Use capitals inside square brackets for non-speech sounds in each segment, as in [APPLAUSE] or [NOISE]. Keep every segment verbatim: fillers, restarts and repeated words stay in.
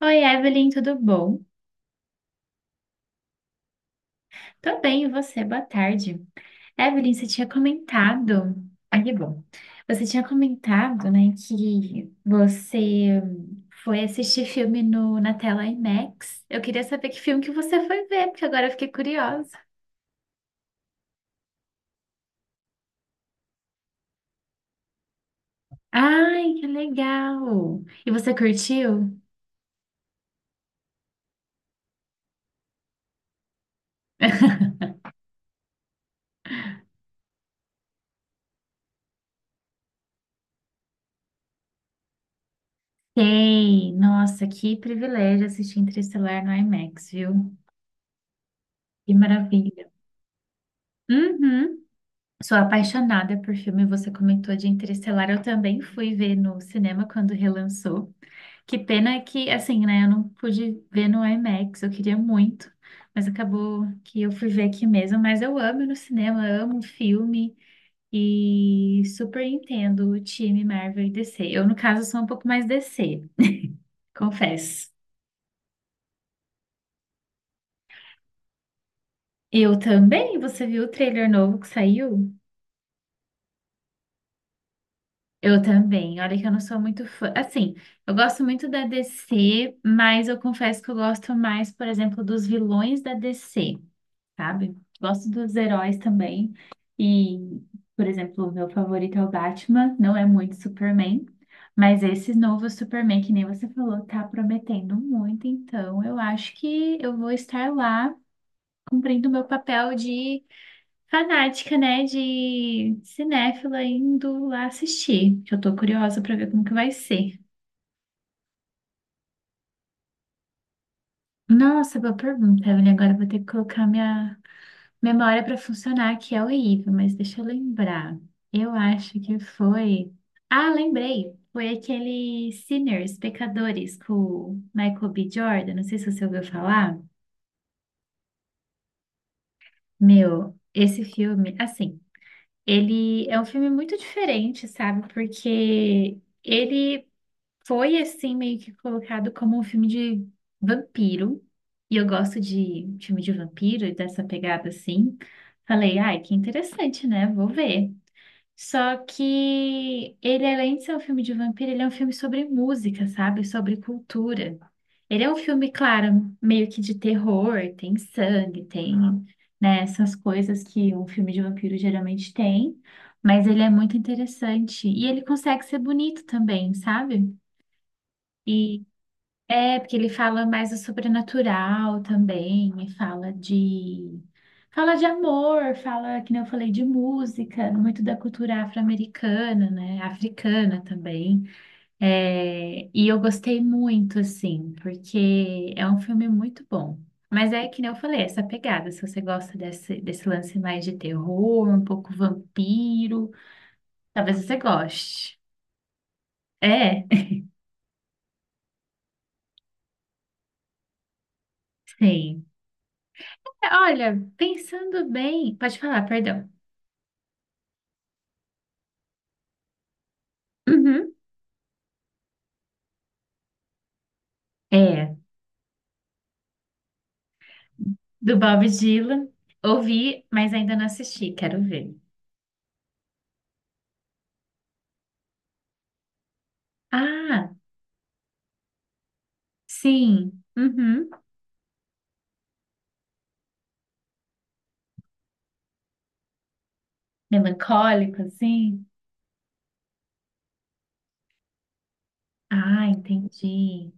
Oi, Evelyn, tudo bom? Tô bem, e você? Boa tarde. Evelyn, você tinha comentado. Ah, que bom. Você tinha comentado, né, que você foi assistir filme no, na tela IMAX. Eu queria saber que filme que você foi ver, porque agora eu fiquei curiosa. Ai, que legal! E você curtiu? [LAUGHS] Sei! Nossa, que privilégio assistir Interestelar no IMAX, viu? Que maravilha! Uhum. Sou apaixonada por filme, você comentou de Interestelar, eu também fui ver no cinema quando relançou. Que pena que, assim, né, eu não pude ver no IMAX, eu queria muito, mas acabou que eu fui ver aqui mesmo. Mas eu amo ir no cinema, amo um filme e super entendo o time Marvel e D C. Eu, no caso, sou um pouco mais D C, confesso. Eu também, você viu o trailer novo que saiu? Eu também. Olha que eu não sou muito fã. Assim, eu gosto muito da D C, mas eu confesso que eu gosto mais, por exemplo, dos vilões da D C, sabe? Gosto dos heróis também. E, por exemplo, o meu favorito é o Batman, não é muito Superman, mas esse novo Superman, que nem você falou, tá prometendo muito. Então, eu acho que eu vou estar lá cumprindo o meu papel de fanática, né, de cinéfila indo lá assistir, que eu tô curiosa pra ver como que vai ser. Nossa, boa pergunta, Evelyn. Agora eu vou ter que colocar minha memória pra funcionar, que é horrível, mas deixa eu lembrar. Eu acho que foi. Ah, lembrei. Foi aquele Sinners, Pecadores, com o Michael B. Jordan. Não sei se você ouviu falar. Meu, esse filme, assim, ele é um filme muito diferente, sabe? Porque ele foi assim meio que colocado como um filme de vampiro. E eu gosto de filme de vampiro e dessa pegada assim. Falei, ai, que interessante, né? Vou ver. Só que ele, além de ser um filme de vampiro, ele é um filme sobre música, sabe? Sobre cultura. Ele é um filme, claro, meio que de terror, tem sangue, tem, né, essas coisas que um filme de vampiro geralmente tem. Mas ele é muito interessante. E ele consegue ser bonito também, sabe? E é, porque ele fala mais do sobrenatural também, e fala de fala de amor, fala, que nem eu falei, de música, muito da cultura afro-americana, né? Africana também. É, e eu gostei muito, assim, porque é um filme muito bom. Mas é que nem eu falei, essa pegada, se você gosta desse, desse lance mais de terror, um pouco vampiro, talvez você goste. É, [LAUGHS] sim. Olha, pensando bem, pode falar, perdão. Uhum. É, do Bob Dylan. Ouvi, mas ainda não assisti, quero ver. Ah, sim. Uhum. Melancólico, assim. Ah, entendi.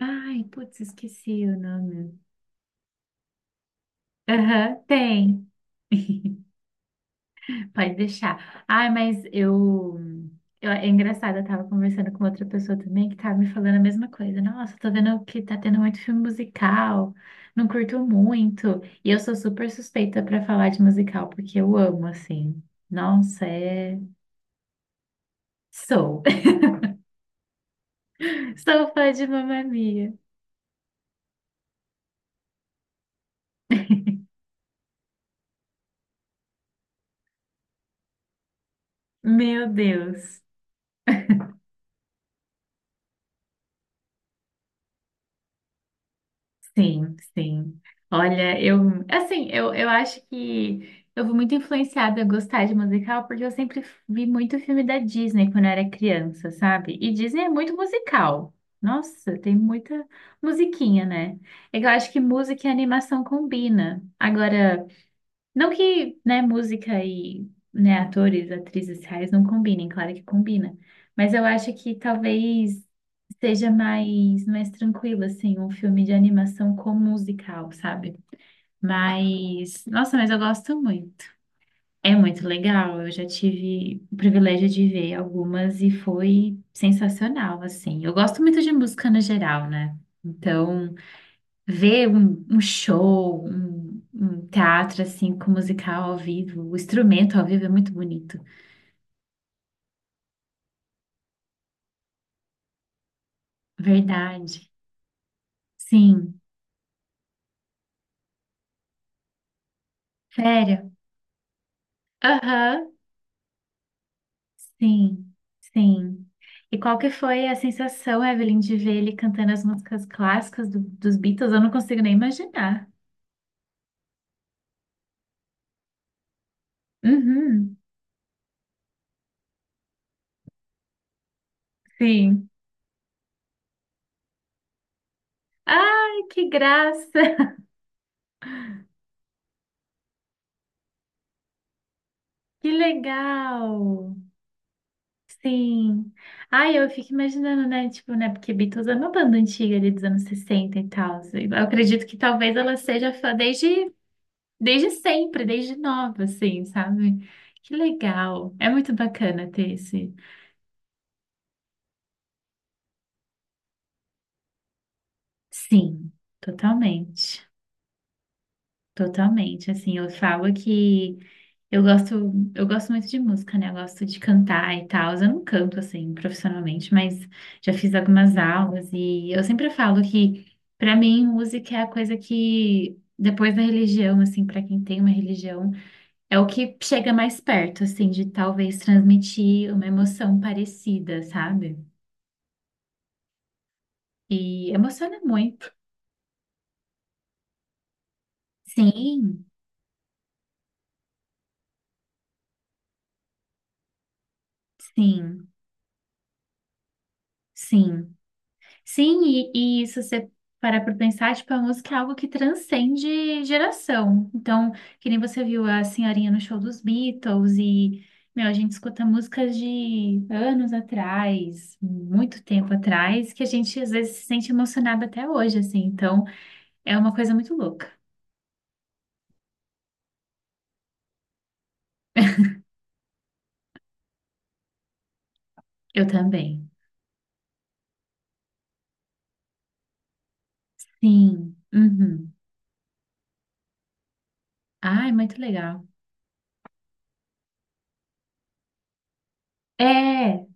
Ai, putz, esqueci o nome. Aham, tem. [LAUGHS] Pode deixar. Ah, mas eu, eu. é engraçado, eu tava conversando com outra pessoa também que tava me falando a mesma coisa. Nossa, tô vendo que tá tendo muito filme musical, não curto muito. E eu sou super suspeita pra falar de musical, porque eu amo, assim. Nossa, é. Sou. [LAUGHS] Sou fã de Mamma Mia. Meu Deus. Sim, sim. Olha, eu, assim, eu, eu acho que eu fui muito influenciada a gostar de musical porque eu sempre vi muito filme da Disney quando eu era criança, sabe? E Disney é muito musical. Nossa, tem muita musiquinha, né? É que eu acho que música e animação combina. Agora, não que, né, música e, né, atores, atrizes reais não combinem, claro que combina. Mas eu acho que talvez seja mais, mais tranquilo, assim, um filme de animação com musical, sabe? Mas, nossa, mas eu gosto muito. É muito legal. Eu já tive o privilégio de ver algumas e foi sensacional, assim. Eu gosto muito de música no geral, né? Então, ver um, um show, um, um teatro assim com musical ao vivo, o instrumento ao vivo é muito bonito. Verdade. Sim. Sério? Aham. Sim. Sim. E qual que foi a sensação, Evelyn, de ver ele cantando as músicas clássicas do- dos Beatles? Eu não consigo nem imaginar. Uhum. Sim. Ai, que graça! [LAUGHS] Que legal! Sim. Ai, eu fico imaginando, né? Tipo, né? Porque Beatles é uma banda antiga ali dos anos sessenta e tal. Assim, eu acredito que talvez ela seja fã desde, desde sempre, desde nova, assim, sabe? Que legal. É muito bacana ter esse. Sim, totalmente. Totalmente, assim, eu falo que eu gosto, eu gosto muito de música, né? Eu gosto de cantar e tal. Eu não canto assim profissionalmente, mas já fiz algumas aulas e eu sempre falo que pra mim música é a coisa que depois da religião, assim, pra quem tem uma religião, é o que chega mais perto, assim, de talvez transmitir uma emoção parecida, sabe? E emociona muito. Sim, sim, sim. Sim, e, e se você parar para pensar, tipo, a música é algo que transcende geração. Então, que nem você viu a senhorinha no show dos Beatles e, meu, a gente escuta músicas de anos atrás, muito tempo atrás, que a gente às vezes se sente emocionado até hoje, assim. Então, é uma coisa muito louca. Eu também. Sim. Uhum. Ai, muito legal. É,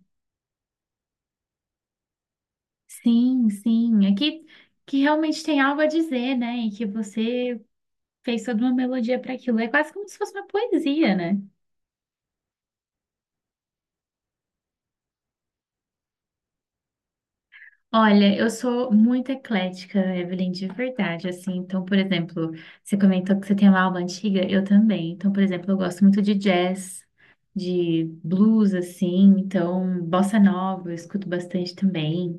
sim, sim. Aqui que que realmente tem algo a dizer, né? E que você fez toda uma melodia para aquilo. É quase como se fosse uma poesia, né? Olha, eu sou muito eclética, Evelyn, de verdade, assim. Então, por exemplo, você comentou que você tem uma alma antiga, eu também. Então, por exemplo, eu gosto muito de jazz, de blues, assim. Então, bossa nova, eu escuto bastante também.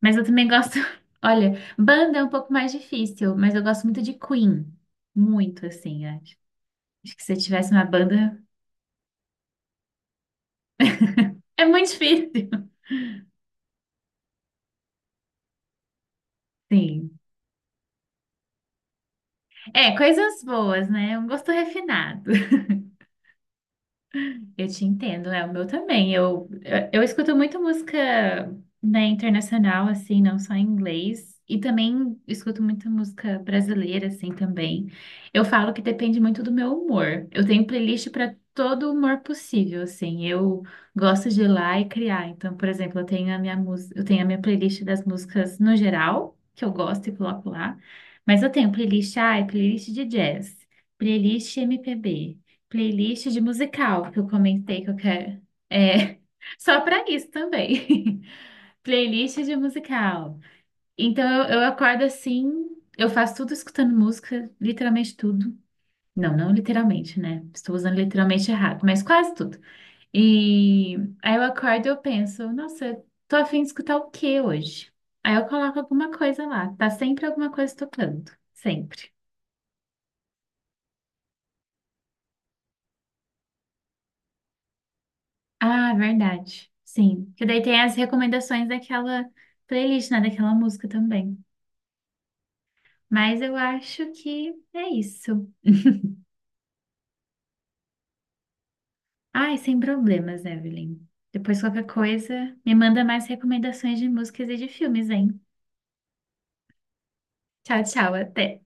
Mas eu também gosto. [LAUGHS] Olha, banda é um pouco mais difícil, mas eu gosto muito de Queen. Muito, assim, acho. Acho que se eu tivesse uma banda, é muito difícil. [LAUGHS] Sim. É, coisas boas, né? Um gosto refinado. Eu te entendo, é o meu também. Eu, eu, eu escuto muito música, né, internacional, assim, não só em inglês, e também escuto muita música brasileira, assim, também. Eu falo que depende muito do meu humor. Eu tenho playlist para todo humor possível, assim. Eu gosto de ir lá e criar. Então, por exemplo, eu tenho a minha música, eu tenho a minha playlist das músicas no geral, que eu gosto e coloco lá. Mas eu tenho playlist, ah, é playlist de jazz, playlist M P B. Playlist de musical, que eu comentei que eu quero. É, [LAUGHS] só para isso também. [LAUGHS] Playlist de musical. Então eu, eu acordo assim, eu faço tudo escutando música, literalmente tudo. Não, não literalmente, né? Estou usando literalmente errado, mas quase tudo. E aí eu acordo e eu penso, nossa, tô a fim de escutar o que hoje? Aí eu coloco alguma coisa lá, tá sempre alguma coisa tocando, sempre. Ah, verdade. Sim. Que daí tem as recomendações daquela playlist, né? Daquela música também. Mas eu acho que é isso. [LAUGHS] Ai, sem problemas, Evelyn. Depois qualquer coisa, me manda mais recomendações de músicas e de filmes, hein? Tchau, tchau, até.